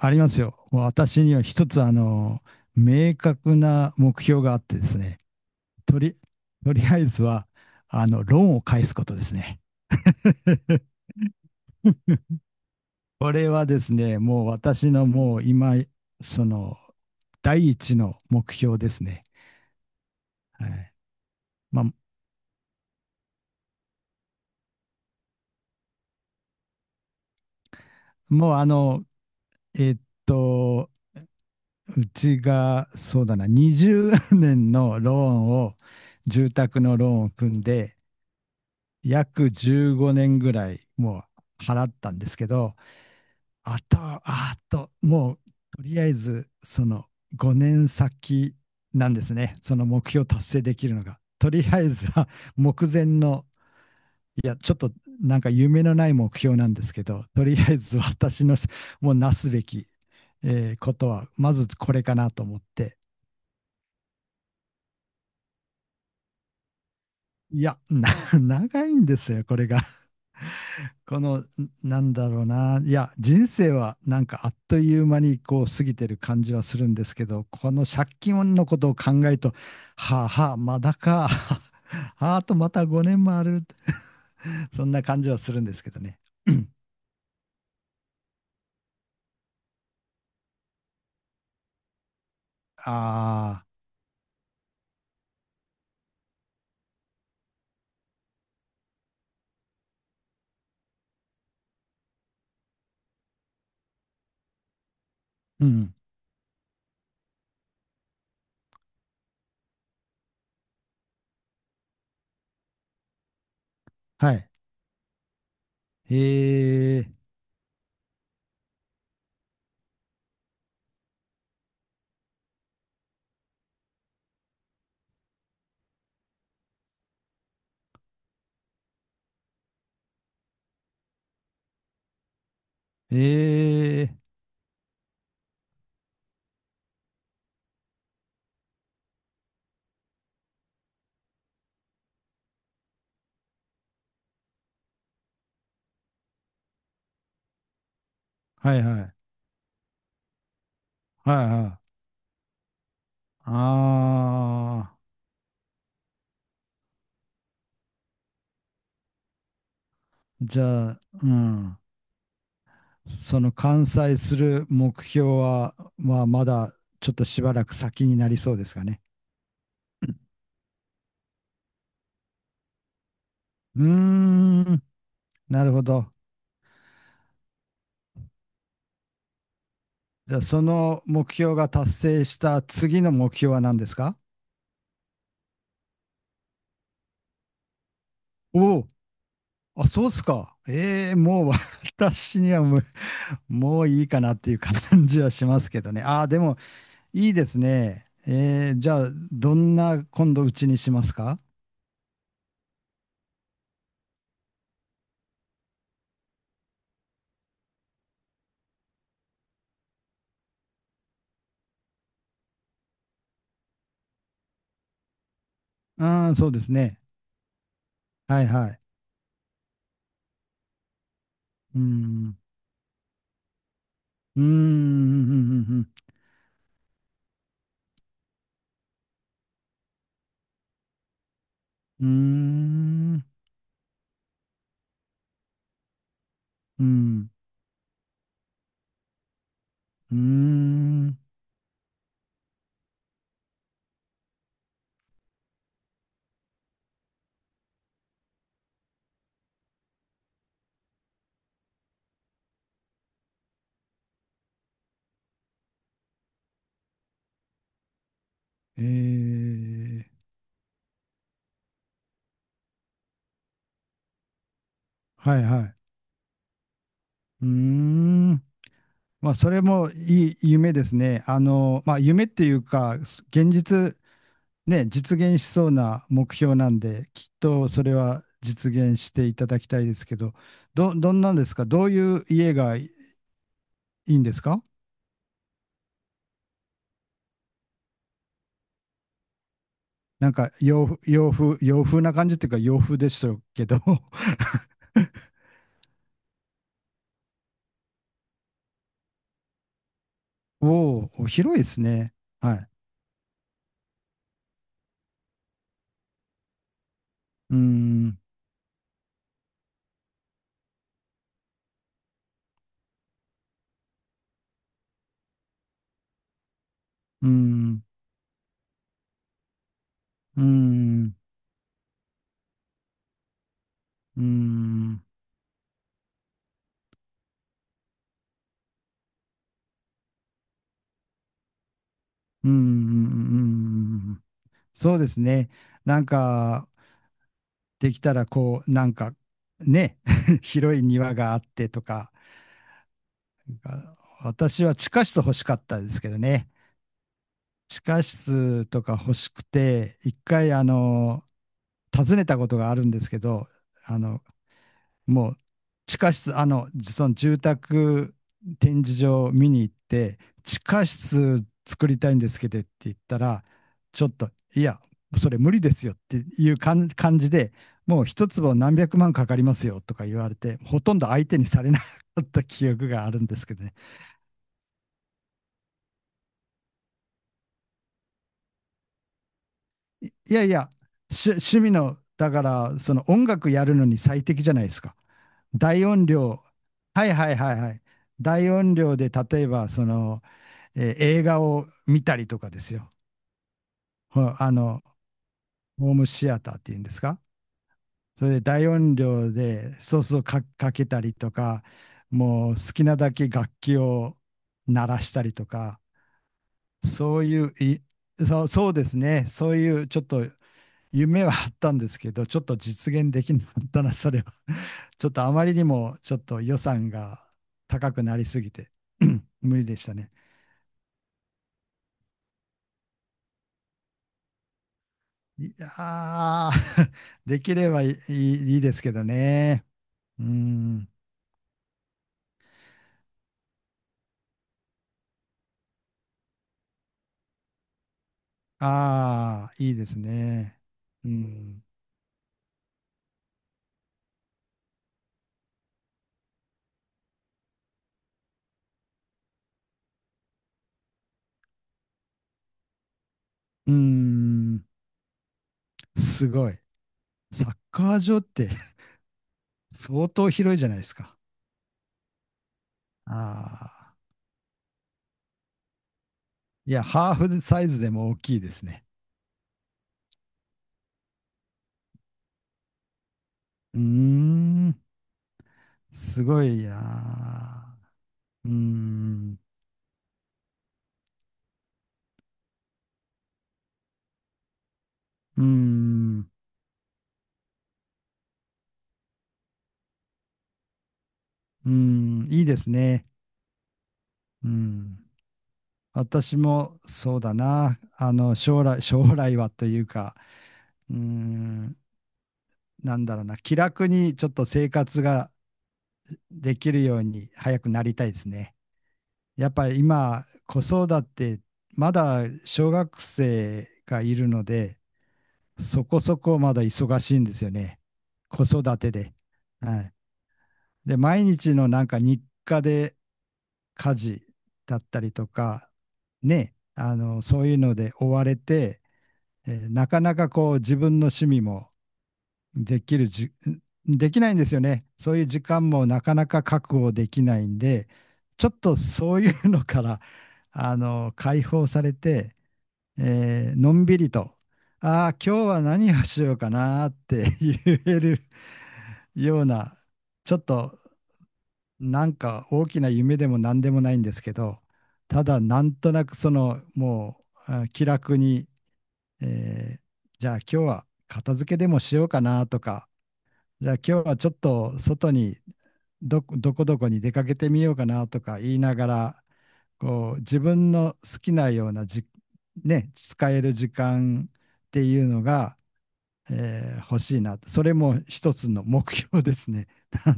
ありますよ。もう私には一つ、明確な目標があってですね、とり、とりあえずは、ローンを返すことですね。これはですね、もう私のもう今、その、第一の目標ですね。はい。まあ、もうあの、えーっと、うちが、そうだな、20年のローンを、住宅のローンを組んで、約15年ぐらいもう払ったんですけど、あと、もうとりあえずその5年先なんですね。その目標達成できるのが。とりあえずは目前の、いや、ちょっとなんか夢のない目標なんですけど、とりあえず私のもうなすべき、ことは、まずこれかなと思って。いや、長いんですよ、これが。この、なんだろうな。いや、人生はなんかあっという間にこう過ぎてる感じはするんですけど、この借金のことを考えると、はあはあ、まだか。あとまた5年もある。そんな感じはするんですけどね。うん。ああ、うん。はい。ええ、ええ、はいはい。はいはい。ああ、じゃあ、うん。その完済する目標は、まあ、まだちょっとしばらく先になりそうですかね。うーん、なるほど。じゃあ、その目標が達成した次の目標は何ですか？おお、あ、そうですか。ええ、もう 私にはもう、もういいかなっていう感じはしますけどね。ああ、でもいいですね。ええ、じゃあ、どんな今度うちにしますか？うーん、そうですね。はいはい。うーん、うーん、うん、うん、うん、うん、うーん、うん、うーん、えー、はいはい。うーん、まあ、それもいい夢ですね。まあ、夢っていうか、現実、ね、実現しそうな目標なんで、きっとそれは実現していただきたいですけど、どんなんですか？どういう家がいいんですか？なんか洋風、洋風、洋風な感じっていうか洋風でしたけど。 おお、広いですね。はい。うーん。うーん、うーん、うーん、うーん、うーん、そうですね。なんか、できたらこう、なんか、ね、広い庭があってとか、あ私は地下室欲しかったですけどね。地下室とか欲しくて、一回、訪ねたことがあるんですけど、あの、もう地下室、その住宅展示場を見に行って、地下室作りたいんですけどって言ったら、ちょっと、いや、それ無理ですよっていう感じで、もう一坪何百万かかりますよとか言われて、ほとんど相手にされなかった記憶があるんですけどね。いやいや、趣味の、だから、その音楽やるのに最適じゃないですか。大音量、はいはいはいはい。大音量で、例えば、映画を見たりとかですよ。あの、ホームシアターっていうんですか？それで大音量でソースをかけたりとか、もう好きなだけ楽器を鳴らしたりとか、そういういそう、そうですね、そういうちょっと夢はあったんですけど、ちょっと実現できなかったな、それは。ちょっとあまりにもちょっと予算が高くなりすぎて、無理でしたね。いやー。 できればいいですけどね。うん。ああ、いいですね。うん。うん。すごい。サッカー場って 相当広いじゃないですか。ああ。いや、ハーフサイズでも大きいですね。うーん。すごいなー。うーん。うーん。うーん。いいですね。うん。私もそうだな。将来はというか、うーん、なんだろうな。気楽にちょっと生活ができるように早くなりたいですね。やっぱり今、子育て、まだ小学生がいるので、そこそこまだ忙しいんですよね。子育てで。はい。で、毎日のなんか日課で家事だったりとか、ね、そういうので追われて、なかなかこう自分の趣味もできるじ、できないんですよね。そういう時間もなかなか確保できないんで、ちょっとそういうのから、解放されて、のんびりと、ああ、今日は何をしようかなーって言える ような、ちょっとなんか大きな夢でも何でもないんですけど、ただなんとなくそのもうあ気楽にえーじゃあ今日は片付けでもしようかなとか、じゃあ今日はちょっと外にどこどこどこに出かけてみようかなとか言いながら、こう自分の好きなような、ね、使える時間っていうのが、欲しいな。それも一つの目標ですね。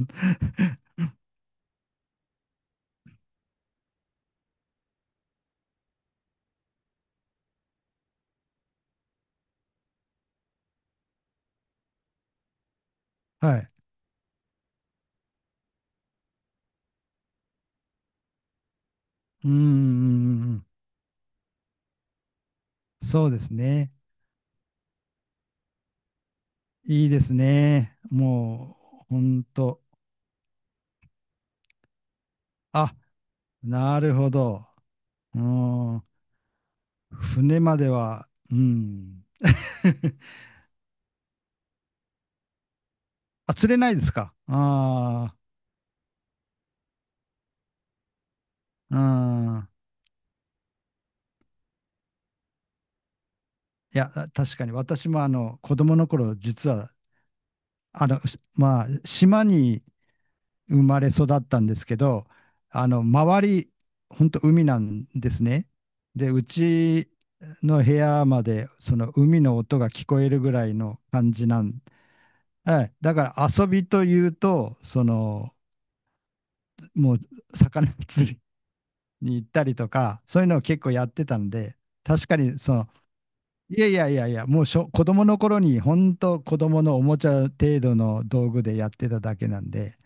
はい。うんうんうんん。そうですね。いいですね。もう、ほんと。あ、なるほど。うん。船までは、うん。あ、釣れないですかあ。あ、うん。いや、確かに私もあの、子供の頃、実は、あの、まあ、島に生まれ育ったんですけど、あの、周り、本当海なんですね。で、うちの部屋まで、その海の音が聞こえるぐらいの感じなん。はい。だから遊びというと、もう魚釣りに行ったりとか、そういうのを結構やってたんで、確かにその、いやいや、もう子供の頃に本当子供のおもちゃ程度の道具でやってただけなんで、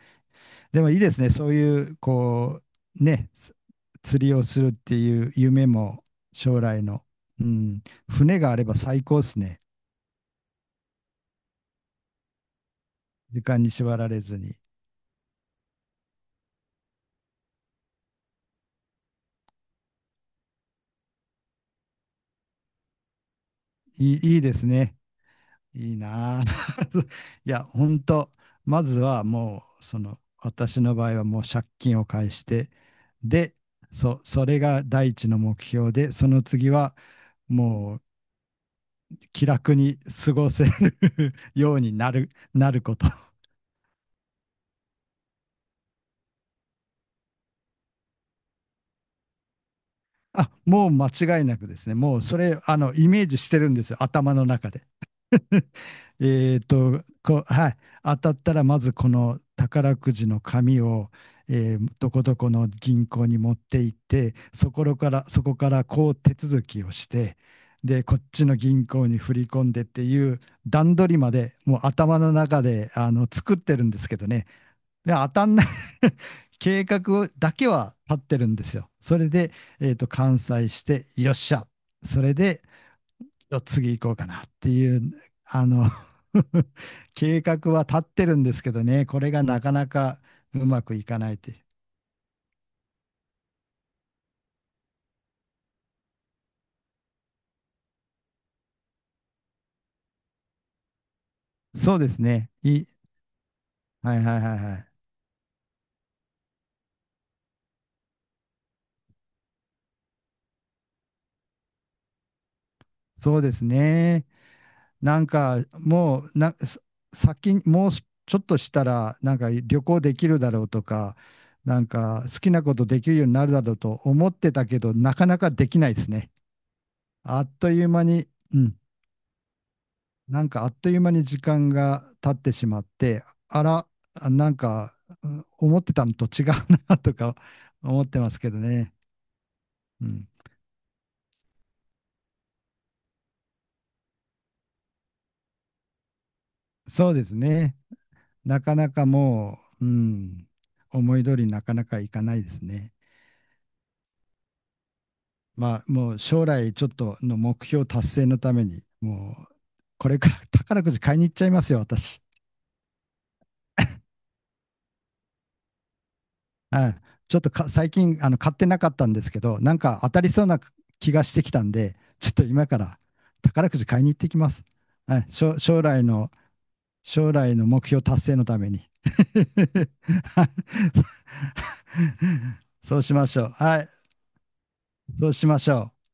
でもいいですね、そういうこう、ね、釣りをするっていう夢も将来の、うん、船があれば最高ですね。時間に縛られずに。いいですね。いいなあ。 いや、本当まずはもう、その、私の場合はもう借金を返して、で、それが第一の目標で、その次はもう気楽に過ごせる ようになること。あ、もう間違いなくですね。もうそれ、あの、イメージしてるんですよ。頭の中で。えーと、こう、はい。当たったら、まずこの宝くじの紙を、えーどこどこの銀行に持って行って、そこからこう手続きをして、で、こっちの銀行に振り込んでっていう段取りまで、もう頭の中で、あの、作ってるんですけどね。で、当たんない 計画をだけは立ってるんですよ。それで、えーと、完済して、よっしゃ。それで、次行こうかなっていう、あの、 計画は立ってるんですけどね、これがなかなかうまくいかないって。そうですね。はいはいはいはい。そうですね。なんかもうな、さ先に、もうちょっとしたら、なんか旅行できるだろうとか、なんか好きなことできるようになるだろうと思ってたけど、なかなかできないですね。あっという間に、うん、なんかあっという間に時間が経ってしまって、あら、なんか、うん、思ってたのと違うな とか思ってますけどね。うん。そうですね。なかなかもう、うん、思い通りになかなかいかないですね。まあ、もう将来ちょっとの目標達成のために、もう、これから宝くじ買いに行っちゃいますよ、私。ちょっと最近あの買ってなかったんですけど、なんか当たりそうな気がしてきたんで、ちょっと今から宝くじ買いに行ってきます。はい、将来の目標達成のために。そうしましょう。はい、そうしましょう。